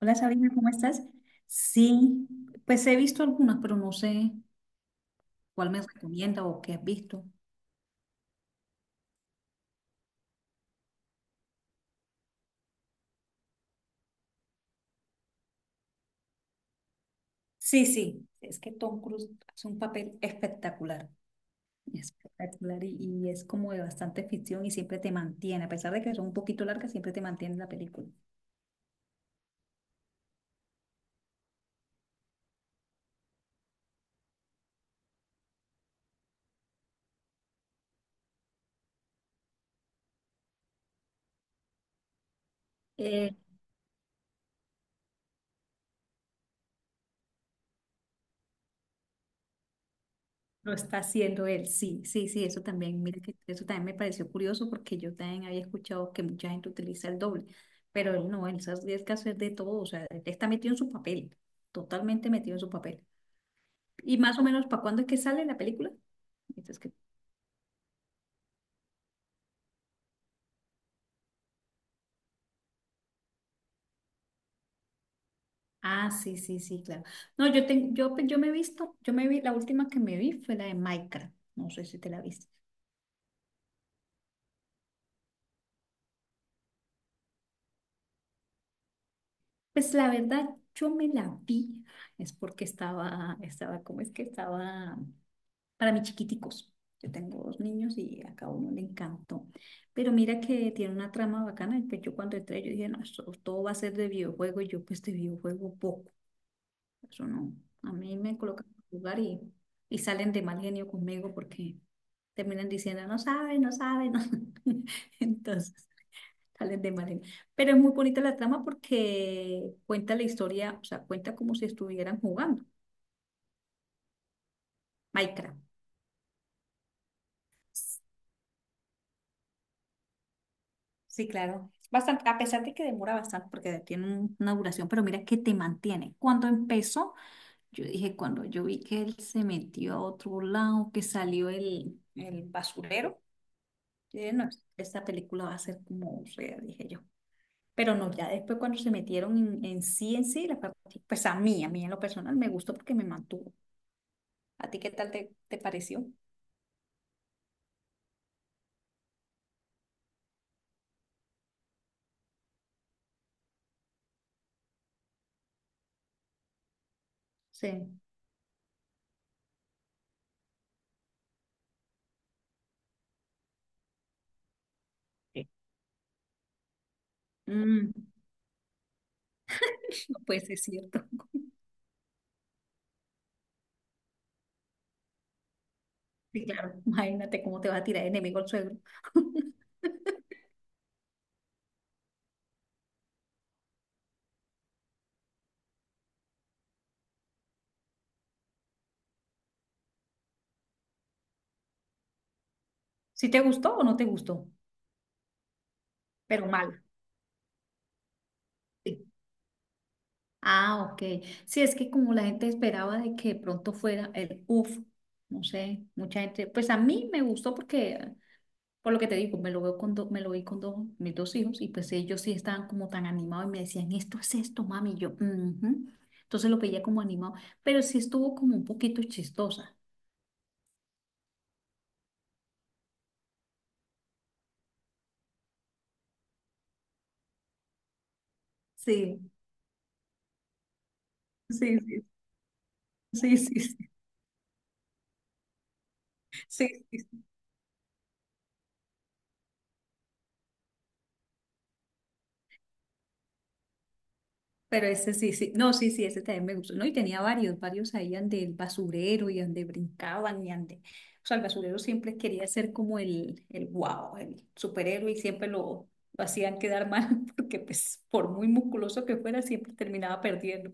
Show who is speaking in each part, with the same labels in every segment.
Speaker 1: Hola, Sabrina, ¿cómo estás? Sí, pues he visto algunas, pero no sé cuál me recomienda o qué has visto. Sí, sí, es que Tom Cruise hace un papel espectacular, espectacular y es como de bastante ficción y siempre te mantiene, a pesar de que son un poquito largas, siempre te mantiene en la película. Lo está haciendo él, sí, sí, sí, eso también, mira que eso también me pareció curioso porque yo también había escuchado que mucha gente utiliza el doble, pero él no, él se arriesga que hacer de todo, o sea, él está metido en su papel, totalmente metido en su papel. ¿Y más o menos para cuándo es que sale la película? Entonces, que- Ah, sí, sí, sí, claro. No, yo me vi, la última que me vi fue la de Minecraft, no sé si te la viste. Pues la verdad, yo me la vi, es porque ¿cómo es que estaba? Para mis chiquiticos. Yo tengo dos niños y a cada uno le encantó. Pero mira que tiene una trama bacana. Y pues yo cuando entré, yo dije, no, esto todo va a ser de videojuego. Y yo, pues de videojuego poco. Eso no. A mí me colocan a jugar y salen de mal genio conmigo porque terminan diciendo, no sabe, no sabe, no. Entonces, salen de mal genio. Pero es muy bonita la trama porque cuenta la historia, o sea, cuenta como si estuvieran jugando Minecraft. Sí, claro. Bastante, a pesar de que demora bastante porque tiene una duración, pero mira que te mantiene. Cuando empezó, yo dije, cuando yo vi que él se metió a otro lado, que salió el basurero, yo dije, no, esta película va a ser como fea, dije yo. Pero no, ya después cuando se metieron en sí, pues a mí en lo personal me gustó porque me mantuvo. ¿A ti qué tal te pareció? Sí. Mm, no puede ser cierto. Sí, claro. Imagínate cómo te va a tirar de enemigo el suegro. ¿Si te gustó o no te gustó? Pero mal. Sí. Ah, OK. Sí, es que como la gente esperaba de que de pronto fuera el uff, no sé, mucha gente, pues a mí me gustó porque, por lo que te digo, me lo vi con dos, mis dos hijos y pues ellos sí estaban como tan animados y me decían, esto es esto, mami, y yo, "Ujú". Entonces lo veía como animado, pero sí estuvo como un poquito chistosa. Sí, sí, sí, sí, sí, sí, sí, sí. Pero ese sí, sí. No, sí, sí, ese también me gustó. No, y tenía varios, varios ahí ande el basurero y ande brincaban y ande. O sea, el basurero siempre quería ser como el wow, el superhéroe y siempre lo hacían quedar mal porque pues por muy musculoso que fuera siempre terminaba perdiendo.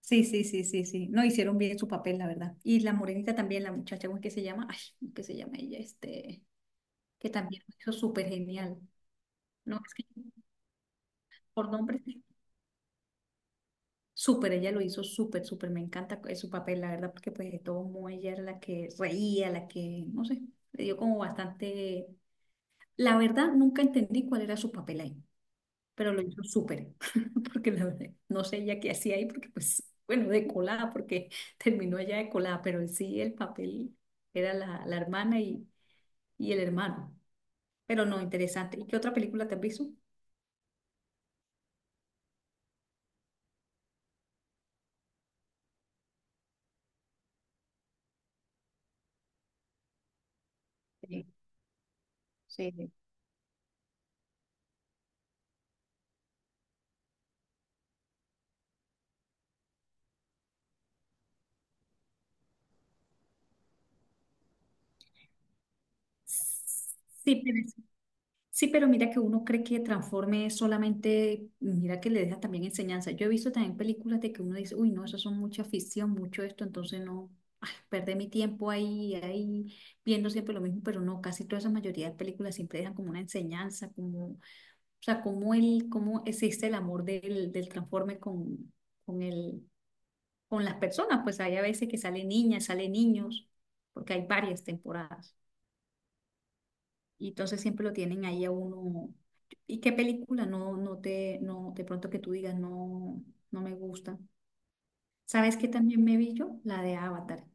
Speaker 1: Sí, sí, sí, sí, sí. No hicieron bien su papel, la verdad. Y la morenita también, la muchacha, ¿cómo es que se llama? Ay, ¿cómo es que se llama ella? Este, que también lo hizo súper genial. No, es que por nombre. Súper, ella lo hizo súper, súper, me encanta su papel, la verdad, porque pues de todo modo ella era la que reía, la que, no sé, le dio como bastante, la verdad, nunca entendí cuál era su papel ahí, pero lo hizo súper, porque la verdad, no sé ella qué hacía ahí, porque pues, bueno, de colada, porque terminó allá de colada, pero en sí el papel era la hermana y el hermano, pero no, interesante. ¿Y qué otra película te has visto? Sí, sí, sí. Sí, sí, pero mira que uno cree que transforme solamente, mira que le deja también enseñanza. Yo he visto también películas de que uno dice, uy, no, eso son mucha ficción, mucho esto, entonces no, perder mi tiempo viendo siempre lo mismo, pero no, casi toda esa mayoría de películas siempre dejan como una enseñanza, como, o sea, cómo existe el amor del transforme con el, con las personas, pues hay a veces que salen niñas, salen niños, porque hay varias temporadas. Y entonces siempre lo tienen ahí a uno. ¿Y qué película? No, no te, no, de pronto que tú digas, no, no me gusta. ¿Sabes qué también me vi yo? La de Avatar.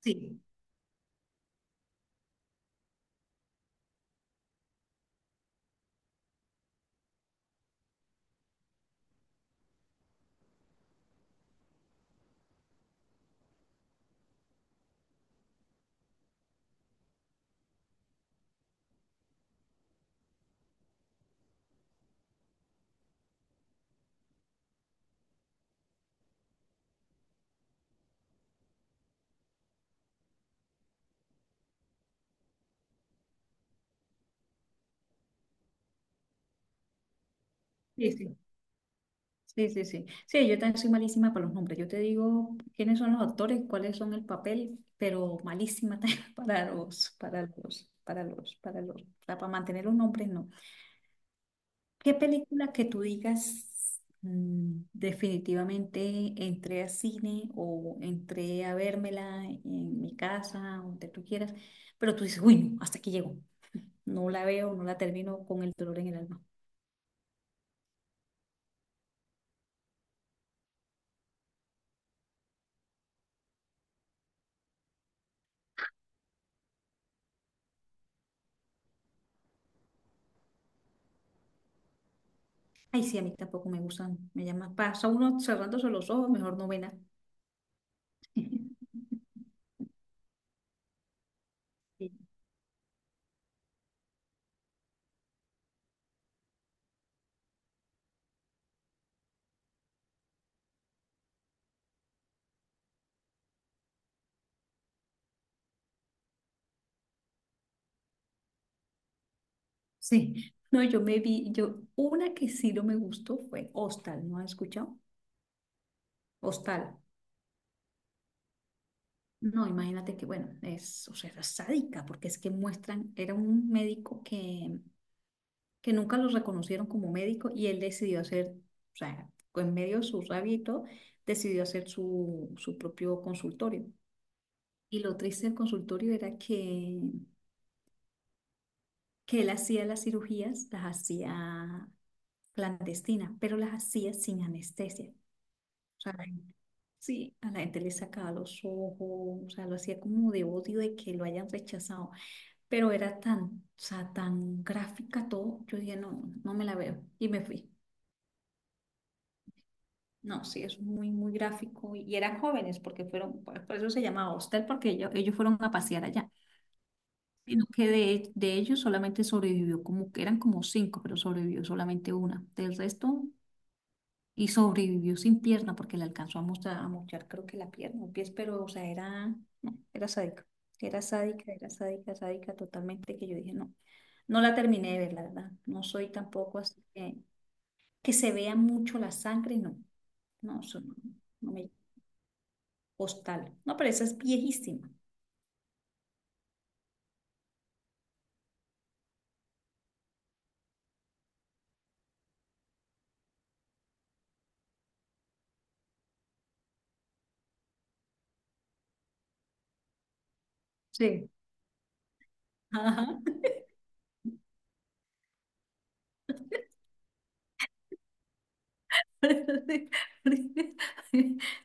Speaker 1: Sí, sí, sí. Sí, sí, sí. Sí, yo también soy malísima para los nombres. Yo te digo quiénes son los actores, cuáles son el papel, pero malísima también o sea, para mantener los nombres, no. ¿Qué película que tú digas, definitivamente entré a cine o entré a vérmela en mi casa, donde tú quieras, pero tú dices, uy, no, hasta aquí llego, no la veo, no la termino con el dolor en el alma? Ay, sí, a mí tampoco me gustan, me llama, pasa uno cerrándose los ojos, mejor no novena. Sí, sí. No, yo me vi, yo, una que sí no me gustó fue Hostal, ¿no has escuchado? Hostal. No, imagínate que, bueno, o sea, era sádica, porque es que muestran, era un médico que nunca lo reconocieron como médico y él decidió hacer, o sea, en medio de su rabia y todo, decidió hacer su propio consultorio. Y lo triste del consultorio era que él hacía las cirugías, las hacía clandestinas, pero las hacía sin anestesia. O sea, la gente- sí, a la gente le sacaba los ojos, o sea, lo hacía como de odio de que lo hayan rechazado. Pero era tan, o sea, tan gráfica todo, yo dije, no, no me la veo y me fui. No, sí, es muy, muy gráfico y eran jóvenes porque fueron, por eso se llamaba hostel, porque ellos fueron a pasear allá, sino que de ellos solamente sobrevivió como que eran como cinco, pero sobrevivió solamente una. Del resto, y sobrevivió sin pierna porque le alcanzó a a mochar, creo que la pierna, un pie pero o sea, era, no, era sádica, era sádica, era sádica, sádica totalmente que yo dije, no, no la terminé de ver, la verdad, no soy tampoco así que se vea mucho la sangre, no, no, eso no, no me postal, no, pero esa es viejísima. Sí. Ajá.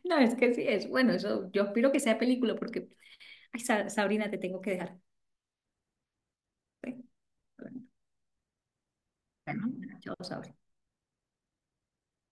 Speaker 1: No, es que sí, es bueno, eso yo espero que sea película porque, ay, Sabrina, te tengo que dejar. ¿Sí? Bueno, chao, Sabrina.